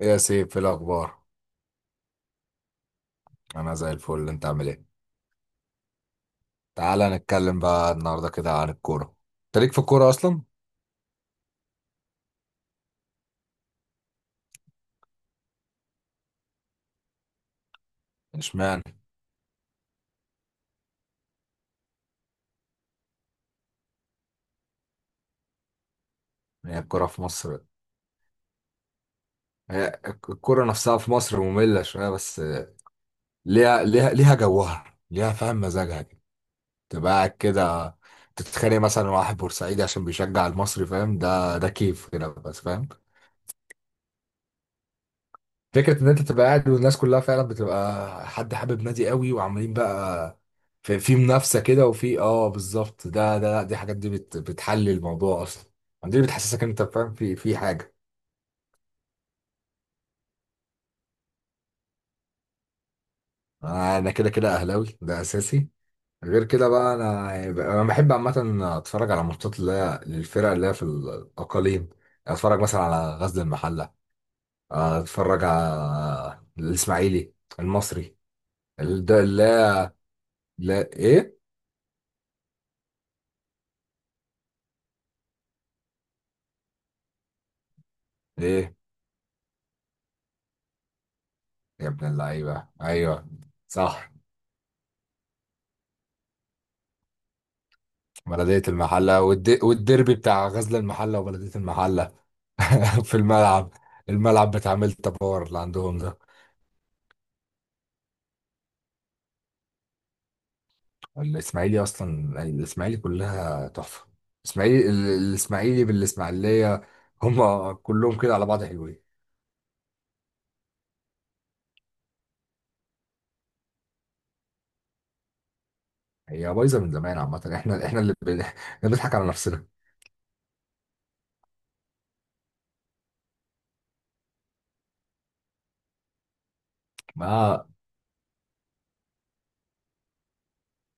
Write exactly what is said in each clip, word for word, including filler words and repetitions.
يا سيف في الأخبار. أنا زي الفل، أنت عامل إيه؟ تعالى نتكلم بقى النهاردة كده عن الكورة. أنت ليك في الكورة أصلا؟ إشمعنى؟ هي الكورة في مصر، هي الكورة نفسها في مصر مملة شوية، بس ليها ليها ليها جوها، ليها، فاهم مزاجها كده. تبقى قاعد كده تتخانق مثلا مع واحد بورسعيدي عشان بيشجع المصري، فاهم؟ ده ده كيف كده، بس فاهم. فكرة إن أنت تبقى قاعد والناس كلها فعلا بتبقى حد حابب نادي قوي وعمالين بقى في, في منافسة كده، وفي آه بالظبط. ده ده لا، دي حاجات دي بت بتحل الموضوع أصلا. دي اللي بتحسسك إن أنت فاهم في في حاجة. أنا أنا كده كده أهلاوي، ده أساسي. غير كده بقى أنا أنا بحب عامة أتفرج على ماتشات اللي هي للفرق اللي هي في الأقاليم. أتفرج مثلا على غزل المحلة، أتفرج على الإسماعيلي، المصري. ال- ده لا. لا، إيه؟ إيه؟ يا ابن اللعيبة، أيوه، صح. بلدية المحلة والد... والديربي بتاع غزل المحلة وبلدية المحلة. في الملعب، الملعب بتاع ميلتا باور اللي عندهم ده. الإسماعيلي أصلا، الإسماعيلي كلها تحفة. الإسماعيلي ال- الإسماعيلي بالإسماعيلية، هم كلهم كده على بعض حلوين. هي بايظة من زمان عامة، احنا احنا اللي بن- بنضحك على نفسنا. مع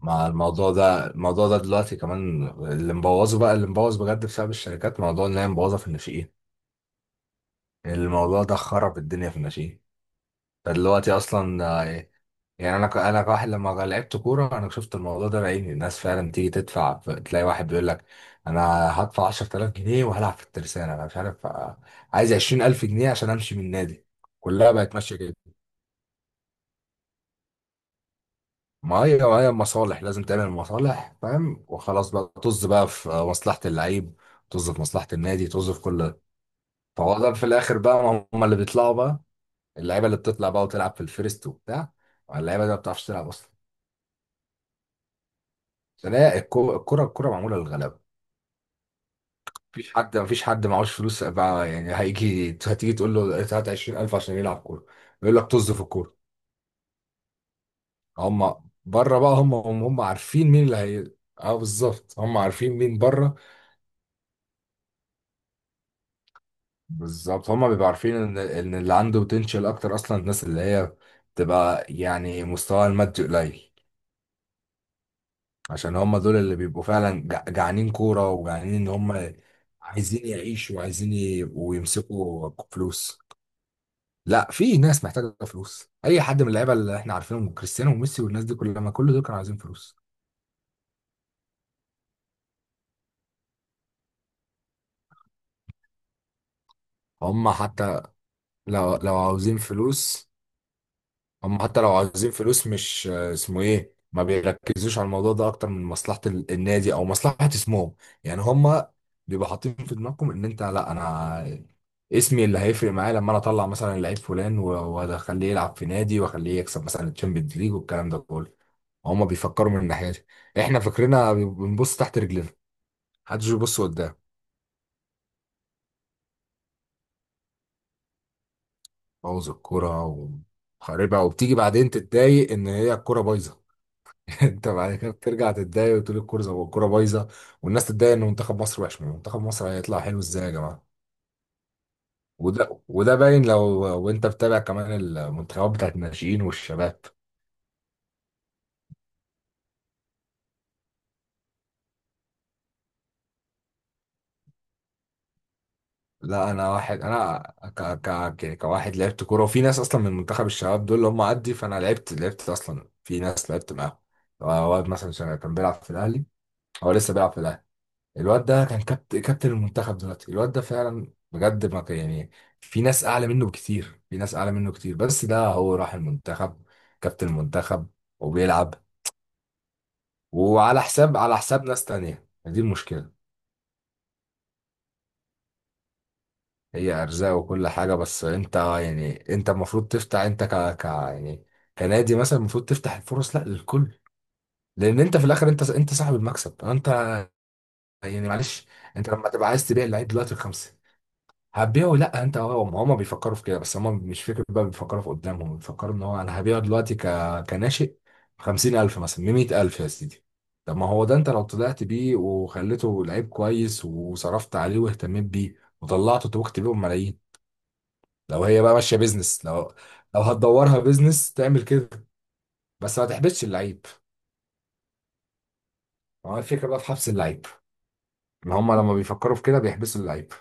مع الموضوع ده، الموضوع ده دلوقتي كمان اللي مبوظه بقى، اللي مبوظ بجد بسبب الشركات، موضوع ان هي مبوظة في الناشئين. الموضوع ده خرب الدنيا في الناشئين. ده دلوقتي اصلا، آه، يعني انا ك- انا كواحد لما لعبت كوره، انا شفت الموضوع ده بعيني. الناس فعلا تيجي تدفع، ف- تلاقي واحد بيقول لك انا هدفع عشرة آلاف جنيه وهلعب في الترسانه، انا مش عارف. آه، عايز عشرين ألف جنيه عشان امشي من النادي. كلها بقت ماشيه كده. ما هي ما هي مصالح، لازم تعمل مصالح، فاهم؟ وخلاص بقى، طز بقى في مصلحه اللعيب، طز في مصلحه النادي، طز في كل ده. فهو ده في الاخر بقى هم اللي بيطلعوا بقى. اللعيبه اللي بتطلع بقى وتلعب في الفيرست وبتاع، اللعيبه دي ما بتعرفش تلعب اصلا. عشان هي الكو- الكره، الكره معموله للغلابه. مفيش حد مفيش حد معهوش فلوس بقى، يعني هيجي، هتيجي تقول له هات عشرين ألف عشان يلعب كوره. يقول لك طز في الكوره. هم بره بقى، هم هم هم عارفين مين اللي هي. اه بالظبط، هم عارفين مين بره. بالظبط، هم بيبقوا عارفين ان ان اللي عنده بوتنشال اكتر اصلا الناس اللي هي بتبقى يعني مستواها المادي قليل. عشان هم دول اللي بيبقوا فعلا جع- جعانين كورة، وجعانين ان هم عايزين يعيشوا وعايزين يبقوا يمسكوا فلوس. لا، في ناس محتاجة فلوس. اي حد من اللعيبة اللي احنا عارفينهم، كريستيانو وميسي والناس دي كلها، ما كل دول كانوا عايزين فلوس. هم حتى لو لو عاوزين فلوس، هم حتى لو عايزين فلوس، مش آه، اسمه ايه، ما بيركزوش على الموضوع ده اكتر من مصلحة ال- النادي او مصلحة اسمهم. يعني هم بيبقى حاطين في دماغكم ان انت، لا، انا، اسمي اللي هيفرق معايا لما انا اطلع مثلا لعيب فلان و- واخليه يلعب في نادي واخليه يكسب مثلا الشامبيونز ليج والكلام ده كله. هم بيفكروا من الناحية دي، احنا فكرنا بنبص تحت رجلنا، محدش بيبص قدام. بوظ الكرة وخاربة، وبتيجي بعدين تتضايق ان هي الكرة بايظة. انت بعد كده بترجع تتضايق وتقول الكوره، زي الكوره بايظه، والناس تتضايق ان منتخب مصر وحش. ما منتخب مصر هيطلع حلو ازاي يا جماعه؟ وده وده باين لو، وانت بتابع كمان المنتخبات بتاعت الناشئين والشباب. لا انا واحد، انا ك ك ك- كواحد لعبت كوره وفي ناس اصلا من منتخب الشباب دول اللي هم عدي، فانا لعبت لعبت اصلا، في ناس لعبت معاهم. واد مثلا كان بيلعب في الاهلي، هو لسه بيلعب في الاهلي. الواد ده كان كابتن كابتن المنتخب دلوقتي. الواد ده فعلا بجد ما كان- يعني في ناس اعلى منه بكتير، في ناس اعلى منه كتير، بس ده هو راح المنتخب كابتن المنتخب، وبيلعب، وعلى حساب على حساب ناس تانية، دي المشكلة. هي ارزاق وكل حاجة، بس انت يعني انت المفروض تفتح، انت ك ك يعني كنادي مثلا المفروض تفتح الفرص لا للكل. لان انت في الاخر انت انت صاحب المكسب انت، يعني معلش. انت لما تبقى عايز تبيع اللعيب دلوقتي الخمسة، هتبيعه. لا، انت، هو، هما بيفكروا في كده، بس هما مش فكرة بقى، بيفكروا في قدامهم، بيفكروا ان هو انا هبيعه دلوقتي ك... كناشئ بخمسين ألف، مثلا بمية ألف يا سيدي. طب ما هو ده انت لو طلعت بيه وخليته لعيب كويس، وصرفت عليه واهتميت بيه وطلعته، توكت بيه ملايين. لو هي بقى ماشية بيزنس، لو لو هتدورها بيزنس تعمل كده. بس ما تحبسش اللعيب. ما هو الفكرة بقى في حبس اللعيب، ان هما لما بيفكروا في كده بيحبسوا اللعيب.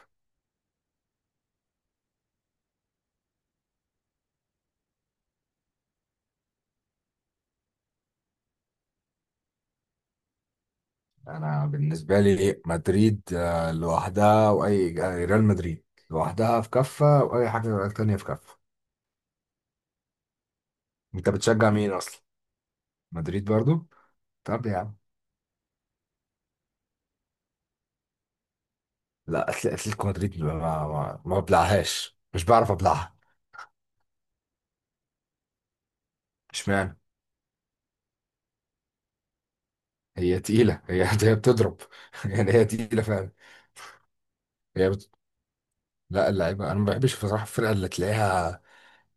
انا بالنسبه لي مدريد، آه، لوحدها، واي آه، ريال مدريد لوحدها في كفه، واي حاجه تانية في كفه. انت بتشجع مين اصلا؟ مدريد برضو. طب يا عم، لا، أتل- اتلتيكو مدريد، ما ما, ما بلعهاش، مش بعرف ابلعها. اشمعنى؟ هي تقيله، هي هي بتضرب، يعني هي تقيله فعلا. هي بت... لا، اللعيبه انا ما بحبش بصراحه الفرقه اللي تلاقيها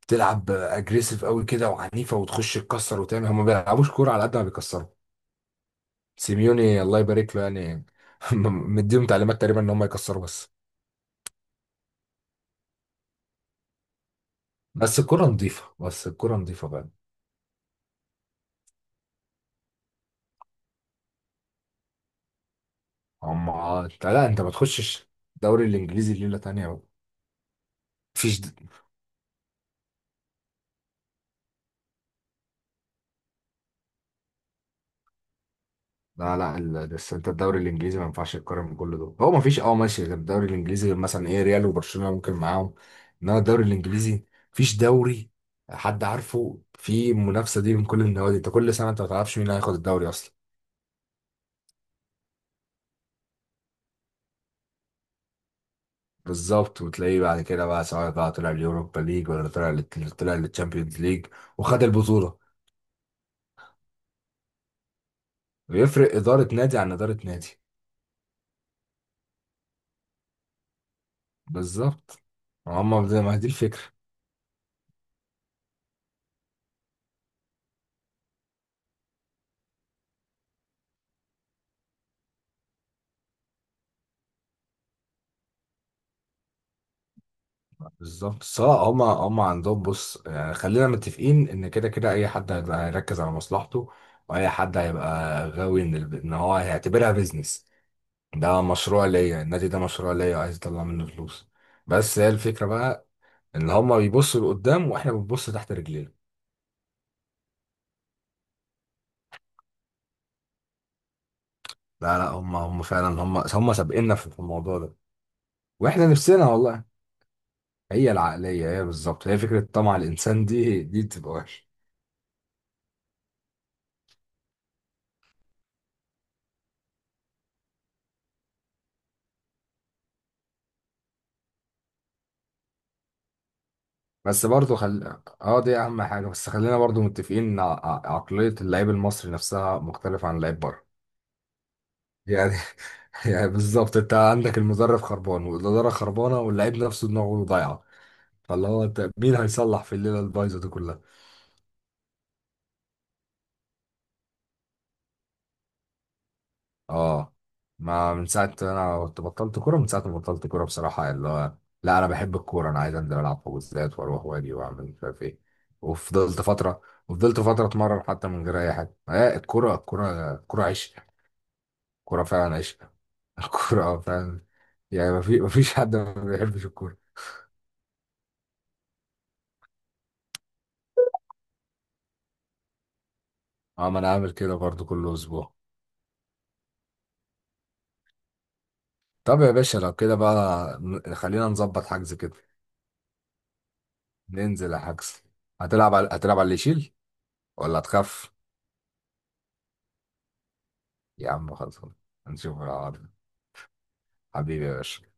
بتلعب اجريسيف قوي كده وعنيفه وتخش تكسر وتعمل، هم ما بيلعبوش كوره على قد ما بيكسروا. سيميوني الله يبارك له يعني، مديهم تعليمات تقريبا ان هم يكسروا بس. بس الكرة نظيفة بس الكرة نظيفة بقى. هم، أنت- لا، انت ما تخشش، الدوري الانجليزي ليلة تانية بقى. مفيش د- لا لا، ال- بس انت الدوري الانجليزي ما ينفعش تقارن من كل دول، هو مفيش، اه ماشي، غير الدوري الانجليزي، غير مثلا ايه ريال وبرشلونة ممكن معاهم. انما الدوري الانجليزي مفيش دوري حد عارفه في المنافسة دي من كل النوادي. انت كل سنة انت ما تعرفش مين هياخد الدوري اصلا. بالظبط. وتلاقيه بعد كده بقى، سواء بقى طلع اليوروبا ليج، ولا طلع لل- طلع للتشامبيونز ليج وخد البطولة. بيفرق إدارة نادي عن إدارة نادي، بالظبط. هما زي ما هي دي الفكرة. بالظبط. سواء هما هما عندهم، بص، يعني خلينا متفقين إن كده كده أي حد هيبقى هيركز على مصلحته، وأي حد هيبقى غاوي إن الب- إن هو هيعتبرها بيزنس. ده مشروع ليا، النادي ده مشروع ليا وعايز أطلع منه فلوس. بس هي الفكرة بقى، إن هما بيبصوا لقدام وإحنا بنبص تحت رجلينا. لا لا، هم هم فعلا، هم هم سابقنا في في الموضوع ده، واحنا نفسنا والله. هي العقلية، هي بالظبط، هي فكرة طمع الإنسان، دي دي بتبقى وحشة. بس برضه خل اه دي أهم حاجة، بس خلينا برضه متفقين إن ع- ع- عقلية اللعيب المصري نفسها مختلفة عن اللعيب بره. يعني، يعني بالظبط أنت عندك المدرب خربان والإدارة خربانة واللعيب نفسه دماغه ضايعة. فاللي هو أنت مين هيصلح في الليلة البايظة دي كلها؟ اه، ما من ساعة انا كنت بطلت كورة، من ساعة ما بطلت كورة بصراحة، اللي هو لا انا بحب الكورة، انا عايز انزل العب حجوزات واروح واجي واعمل مش عارف ايه. وفضلت فترة وفضلت فترة اتمرن حتى من غير اي حاجة. آه، الكورة، الكورة الكورة عشق. الكورة فعلا عشق. الكورة آه، فعلا. يعني ما في ما فيش حد ما بيحبش الكورة. اه ما انا عامل كده برضو كل اسبوع. طب يا باشا لو كده بقى ن- خلينا نظبط حجز كده. ننزل يا حجز. هتلعب على هتلعب على اللي يشيل ولا هتخاف؟ يا عم خلصان، نشوف العرض، حبيبي يا باشا.